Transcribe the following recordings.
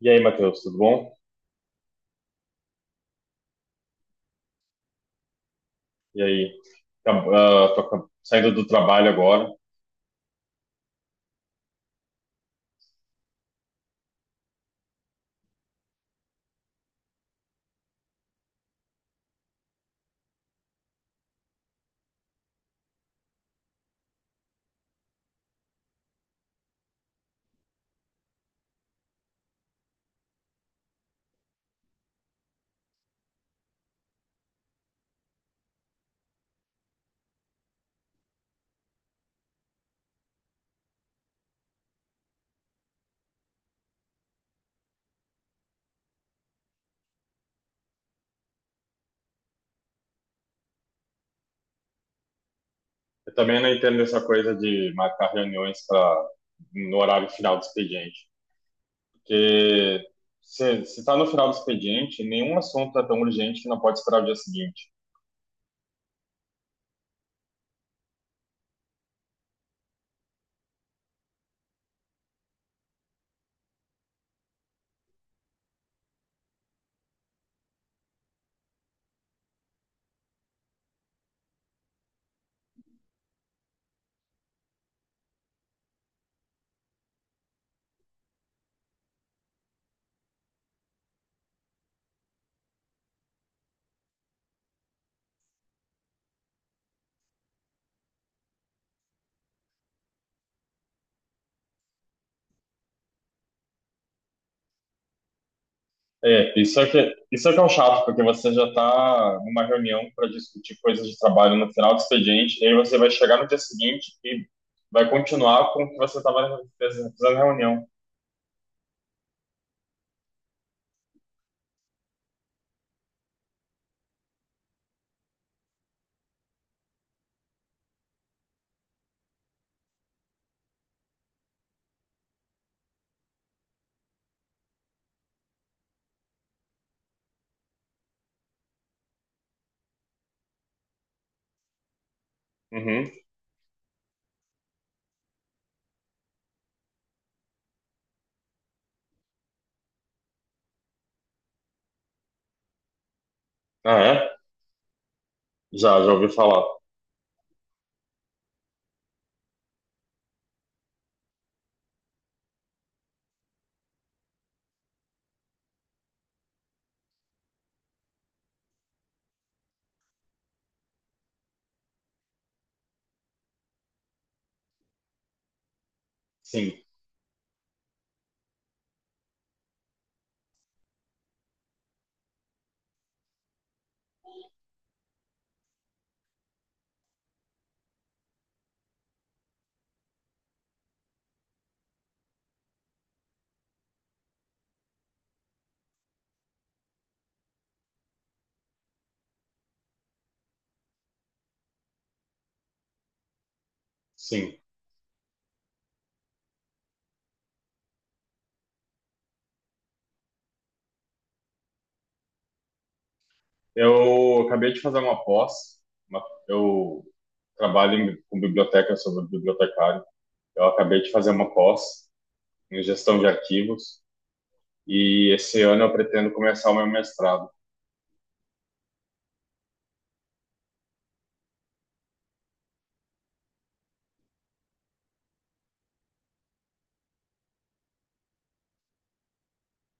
E aí, Matheus, tudo bom? E aí? Tô saindo do trabalho agora. Eu também não entendo essa coisa de marcar reuniões para no horário final do expediente. Porque se está no final do expediente, nenhum assunto é tão urgente que não pode esperar o dia seguinte. É, isso é que é um chato, porque você já está numa reunião para discutir coisas de trabalho no final do expediente, e aí você vai chegar no dia seguinte e vai continuar com o que você estava fazendo na reunião. Uhum. Ah, é? Já, já ouvi falar. Sim, sim. Eu acabei de fazer uma pós. uma- Eu trabalho com biblioteca, eu sou bibliotecário. Eu acabei de fazer uma pós em gestão de arquivos e esse ano eu pretendo começar o meu mestrado.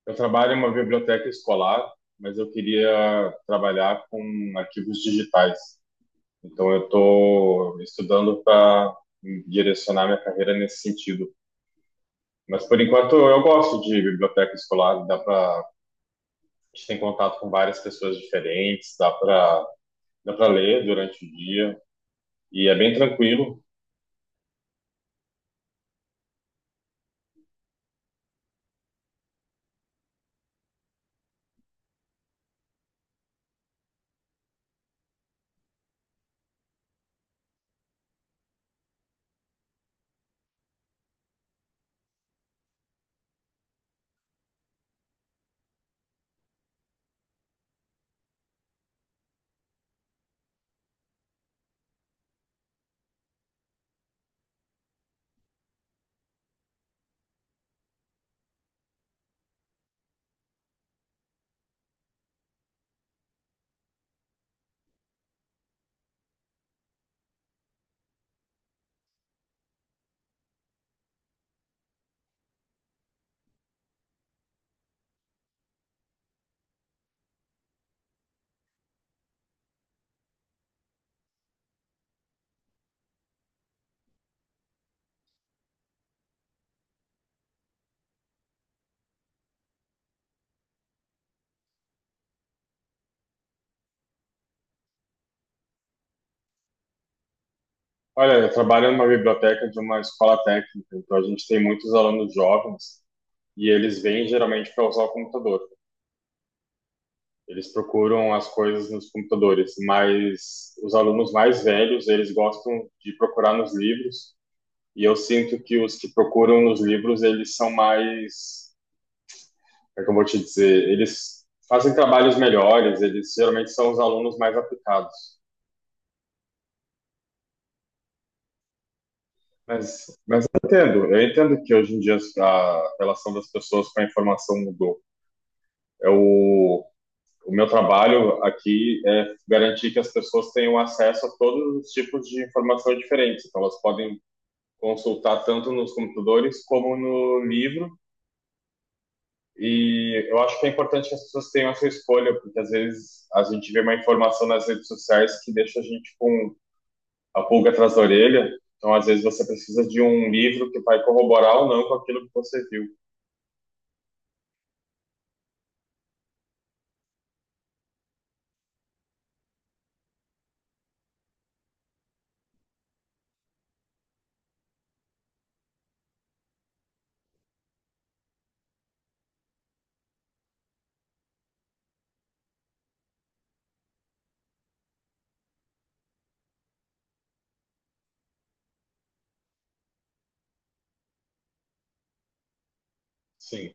Eu trabalho em uma biblioteca escolar, mas eu queria trabalhar com arquivos digitais. Então eu estou estudando para direcionar minha carreira nesse sentido. Mas por enquanto eu gosto de biblioteca escolar, dá para a gente tem contato com várias pessoas diferentes, dá para ler durante o dia e é bem tranquilo. Olha, eu trabalho numa biblioteca de uma escola técnica, então a gente tem muitos alunos jovens e eles vêm geralmente para usar o computador. Eles procuram as coisas nos computadores, mas os alunos mais velhos, eles gostam de procurar nos livros, e eu sinto que os que procuram nos livros, eles são mais é que eu vou te dizer, eles fazem trabalhos melhores, eles geralmente são os alunos mais aplicados. Mas eu entendo que hoje em dia a relação das pessoas com a informação mudou. É o meu trabalho aqui é garantir que as pessoas tenham acesso a todos os tipos de informação diferentes. Então, elas podem consultar tanto nos computadores como no livro. E eu acho que é importante que as pessoas tenham essa escolha, porque às vezes a gente vê uma informação nas redes sociais que deixa a gente com a pulga atrás da orelha. Então, às vezes, você precisa de um livro que vai corroborar ou não com aquilo que você viu. Sim,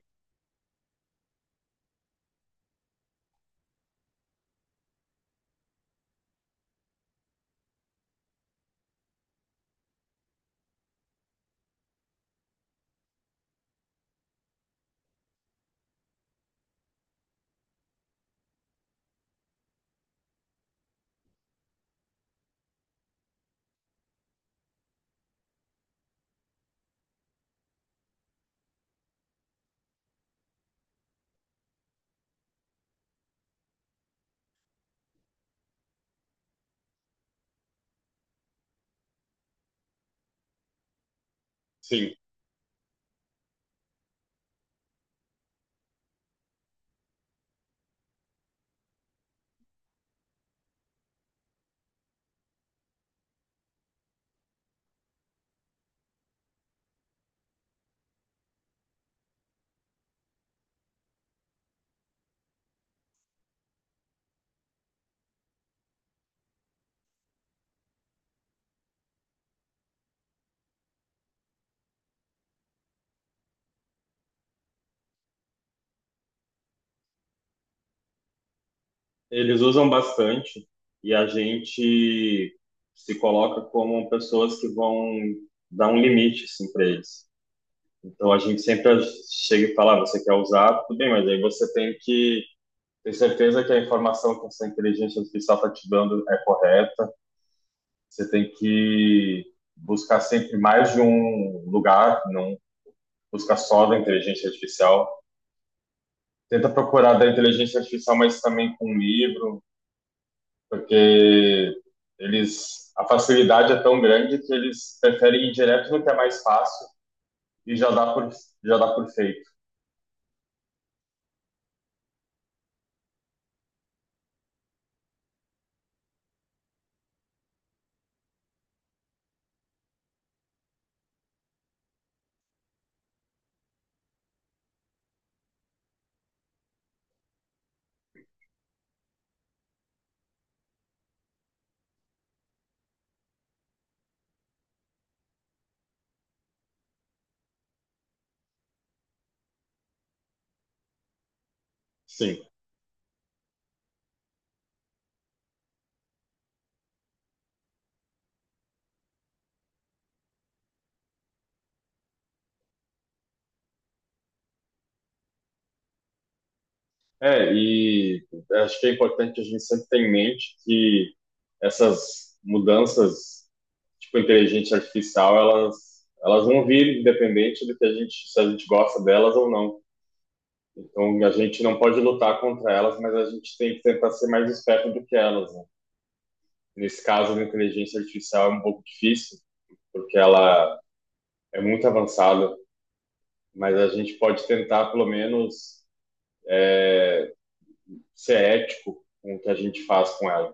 sim. Eles usam bastante e a gente se coloca como pessoas que vão dar um limite assim, para eles. Então a gente sempre chega e fala: ah, você quer usar? Tudo bem, mas aí você tem que ter certeza que a informação que essa inteligência artificial está te dando é correta. Você tem que buscar sempre mais de um lugar, não busca só da inteligência artificial. Tenta procurar da inteligência artificial, mas também com um livro, porque eles a facilidade é tão grande que eles preferem ir direto no que é mais fácil e já dá por feito. Sim. É, e acho que é importante que a gente sempre tenha em mente que essas mudanças, tipo inteligência artificial, elas vão vir independente do que a gente, se a gente gosta delas ou não. Então, a gente não pode lutar contra elas, mas a gente tem que tentar ser mais esperto do que elas, né? Nesse caso, a inteligência artificial é um pouco difícil, porque ela é muito avançada, mas a gente pode tentar, pelo menos, ser ético com o que a gente faz com ela.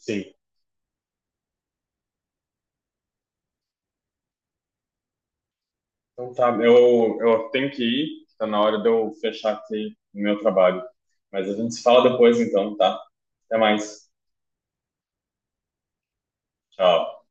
Sim. Então tá, eu tenho que ir, tá na hora de eu fechar aqui o meu trabalho. Mas a gente se fala depois, então, tá? Até mais. Tchau.